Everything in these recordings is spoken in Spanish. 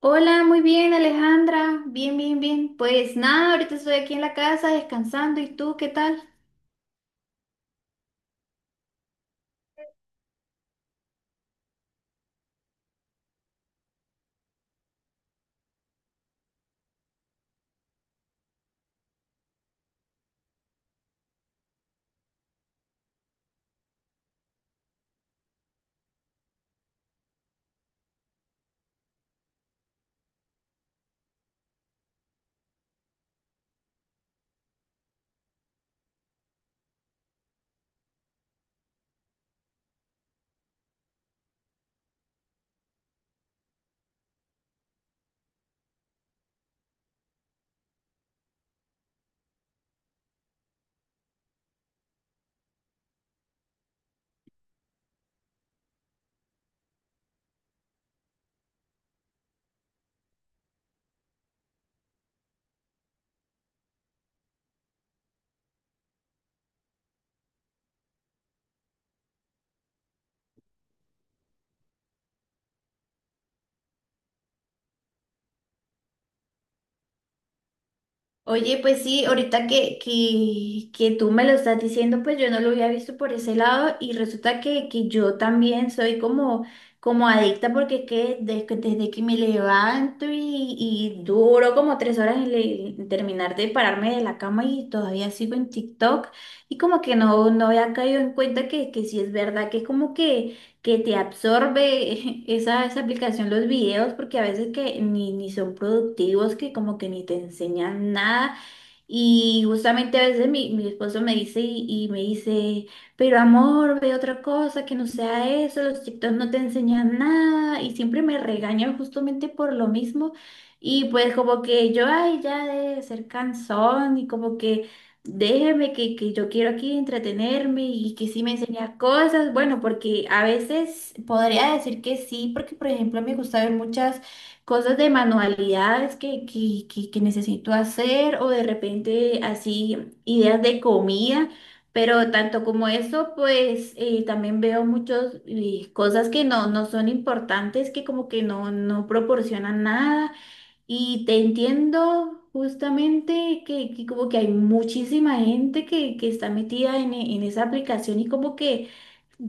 Hola, muy bien, Alejandra. Bien. Pues nada, ahorita estoy aquí en la casa descansando. ¿Y tú qué tal? Oye, pues sí, ahorita que tú me lo estás diciendo, pues yo no lo había visto por ese lado y resulta que yo también soy como, como adicta porque es que desde que me levanto y duro como tres horas en, en terminar de pararme de la cama y todavía sigo en TikTok y como que no había caído en cuenta que sí es verdad que es como que te absorbe esa aplicación, los videos, porque a veces que ni son productivos, que como que ni te enseñan nada. Y justamente a veces mi esposo me dice y me dice, pero amor, ve otra cosa que no sea eso, los TikTok no te enseñan nada y siempre me regañan justamente por lo mismo. Y pues como que yo, ay, ya de ser cansón y como que déjeme que yo quiero aquí entretenerme y que sí me enseña cosas, bueno, porque a veces podría decir que sí, porque por ejemplo me gusta ver muchas cosas de manualidades que necesito hacer o de repente así ideas de comida, pero tanto como eso, pues también veo muchas cosas que no, no son importantes, que como que no, no proporcionan nada y te entiendo. Justamente que como que hay muchísima gente que está metida en esa aplicación y como que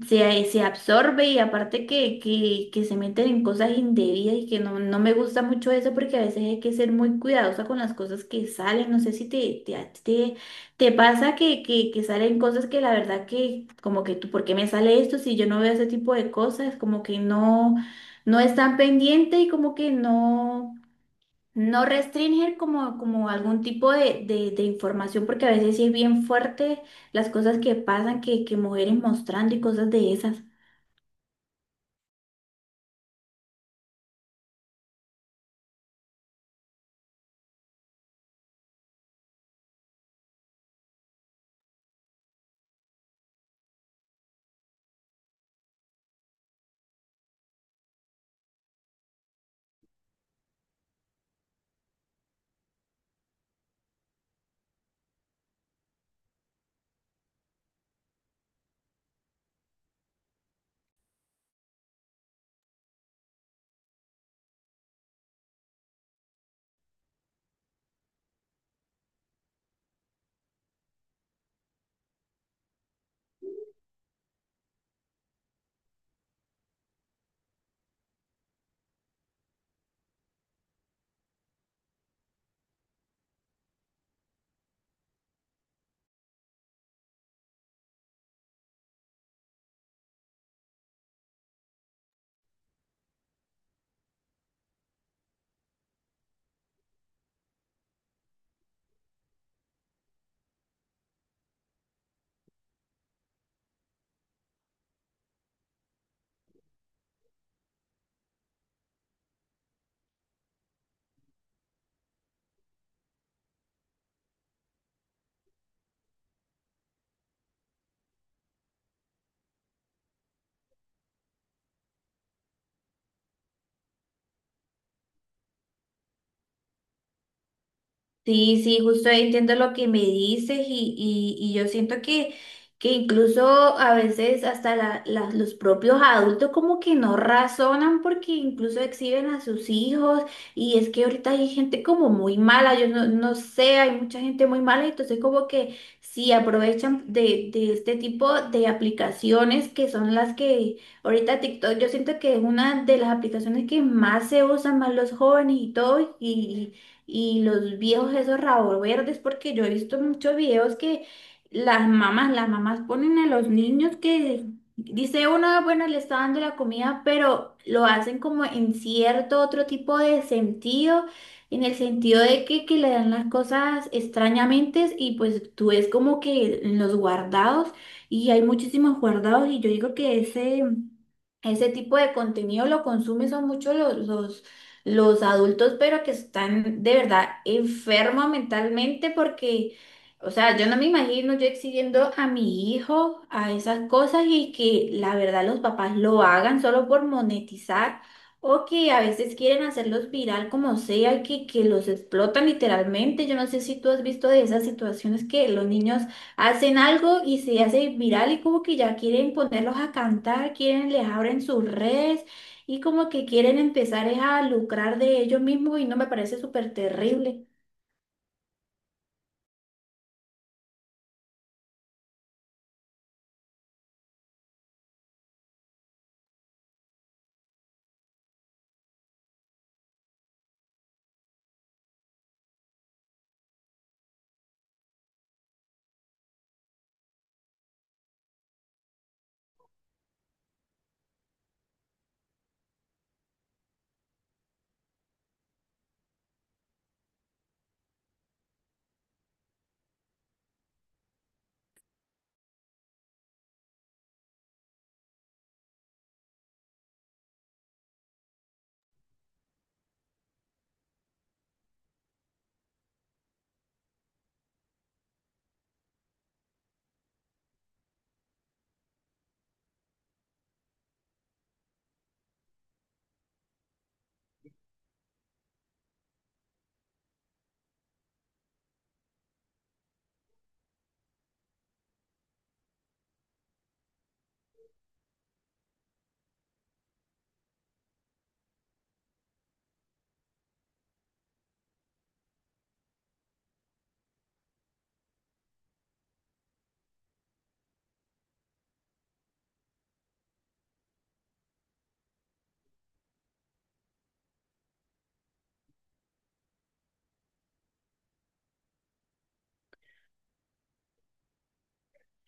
se absorbe y aparte que se meten en cosas indebidas y que no, no me gusta mucho eso porque a veces hay que ser muy cuidadosa con las cosas que salen. No sé si te, te, a ti te, te pasa que salen cosas que la verdad que como que tú, ¿por qué me sale esto si yo no veo ese tipo de cosas? Como que no, no están pendientes y como que no. No restringir como, como algún tipo de, de información, porque a veces sí es bien fuerte las cosas que pasan, que mujeres mostrando y cosas de esas. Sí, sí, justo ahí entiendo lo que me dices y yo siento que incluso a veces hasta los propios adultos como que no razonan porque incluso exhiben a sus hijos y es que ahorita hay gente como muy mala, yo no, no sé, hay mucha gente muy mala, entonces como que sí aprovechan de este tipo de aplicaciones que son las que ahorita TikTok yo siento que es una de las aplicaciones que más se usan más los jóvenes y todo y los viejos esos rabos verdes, porque yo he visto muchos videos que las mamás ponen a los niños que dice uno, bueno, le está dando la comida, pero lo hacen como en cierto otro tipo de sentido, en el sentido de que le dan las cosas extrañamente y pues tú es como que en los guardados y hay muchísimos guardados y yo digo que ese... Ese tipo de contenido lo consumen son muchos los adultos, pero que están de verdad enfermos mentalmente porque, o sea, yo no me imagino yo exigiendo a mi hijo a esas cosas y que la verdad los papás lo hagan solo por monetizar o que a veces quieren hacerlos viral como sea y que los explotan literalmente. Yo no sé si tú has visto de esas situaciones que los niños hacen algo y se hace viral y como que ya quieren ponerlos a cantar, quieren, les abren sus redes y como que quieren empezar es a lucrar de ellos mismos y no me parece súper terrible.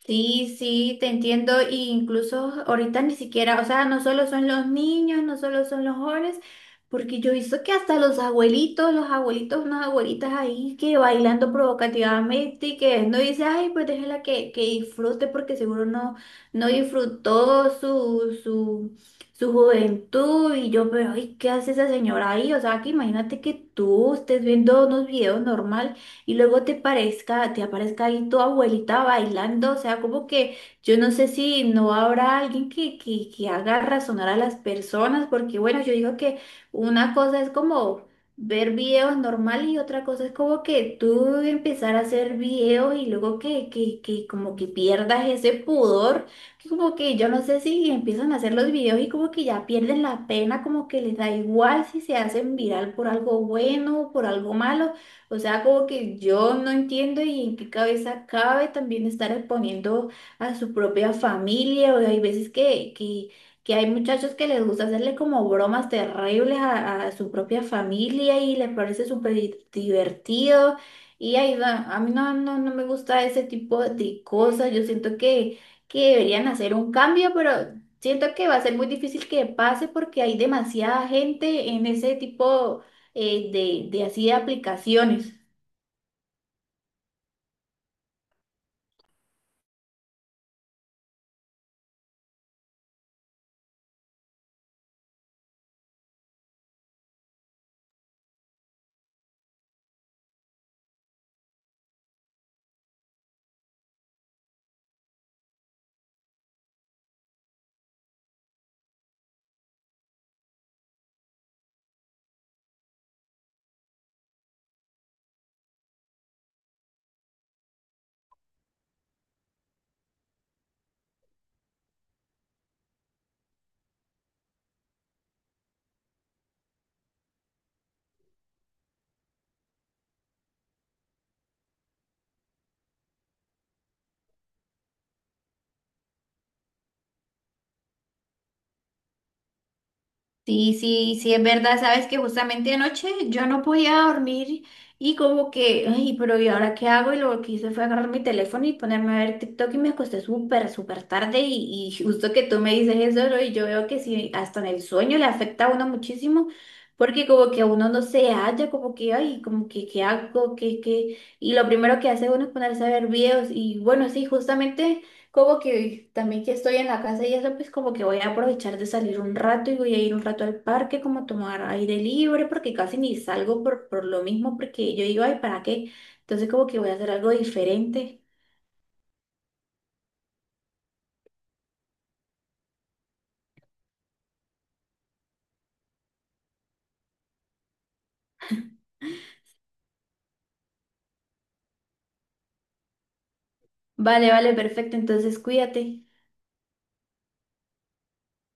Sí, sí, te entiendo. E incluso ahorita ni siquiera, o sea, no solo son los niños, no solo son los jóvenes, porque yo he visto que hasta los abuelitos, unas abuelitas ahí que bailando provocativamente y que no dice, ay, pues déjela que disfrute porque seguro no, no disfrutó su, su, su juventud. Y yo, pero, ay, ¿qué hace esa señora ahí? O sea, que imagínate que tú estés viendo unos videos normal y luego te parezca, te aparezca ahí tu abuelita bailando, o sea, como que yo no sé si no habrá alguien que haga razonar a las personas, porque bueno, yo digo que una cosa es como ver videos normal y otra cosa es como que tú empezar a hacer videos y luego que como que pierdas ese pudor, que como que yo no sé si empiezan a hacer los videos y como que ya pierden la pena, como que les da igual si se hacen viral por algo bueno o por algo malo. O sea, como que yo no entiendo y en qué cabeza cabe también estar exponiendo a su propia familia. O hay veces que hay muchachos que les gusta hacerle como bromas terribles a su propia familia y les parece súper divertido. Y ahí va, a mí no, no, no me gusta ese tipo de cosas. Yo siento que deberían hacer un cambio, pero siento que va a ser muy difícil que pase porque hay demasiada gente en ese tipo eh, de así de aplicaciones. Sí, sí, sí, es verdad. Sabes que justamente anoche yo no podía dormir y como que, ay, pero ¿y ahora qué hago? Y lo que hice fue agarrar mi teléfono y ponerme a ver TikTok y me acosté súper tarde y justo que tú me dices eso, ¿no? Y yo veo que sí, hasta en el sueño le afecta a uno muchísimo. Porque como que uno no se halla, como que, ay, como que, ¿qué hago? ¿Qué, qué? Y lo primero que hace uno es ponerse a ver videos. Y bueno, sí, justamente como que también que estoy en la casa y eso, pues como que voy a aprovechar de salir un rato y voy a ir un rato al parque, como a tomar aire libre, porque casi ni salgo por lo mismo, porque yo digo, ay, ¿para qué? Entonces como que voy a hacer algo diferente. Vale, vale, perfecto, entonces cuídate.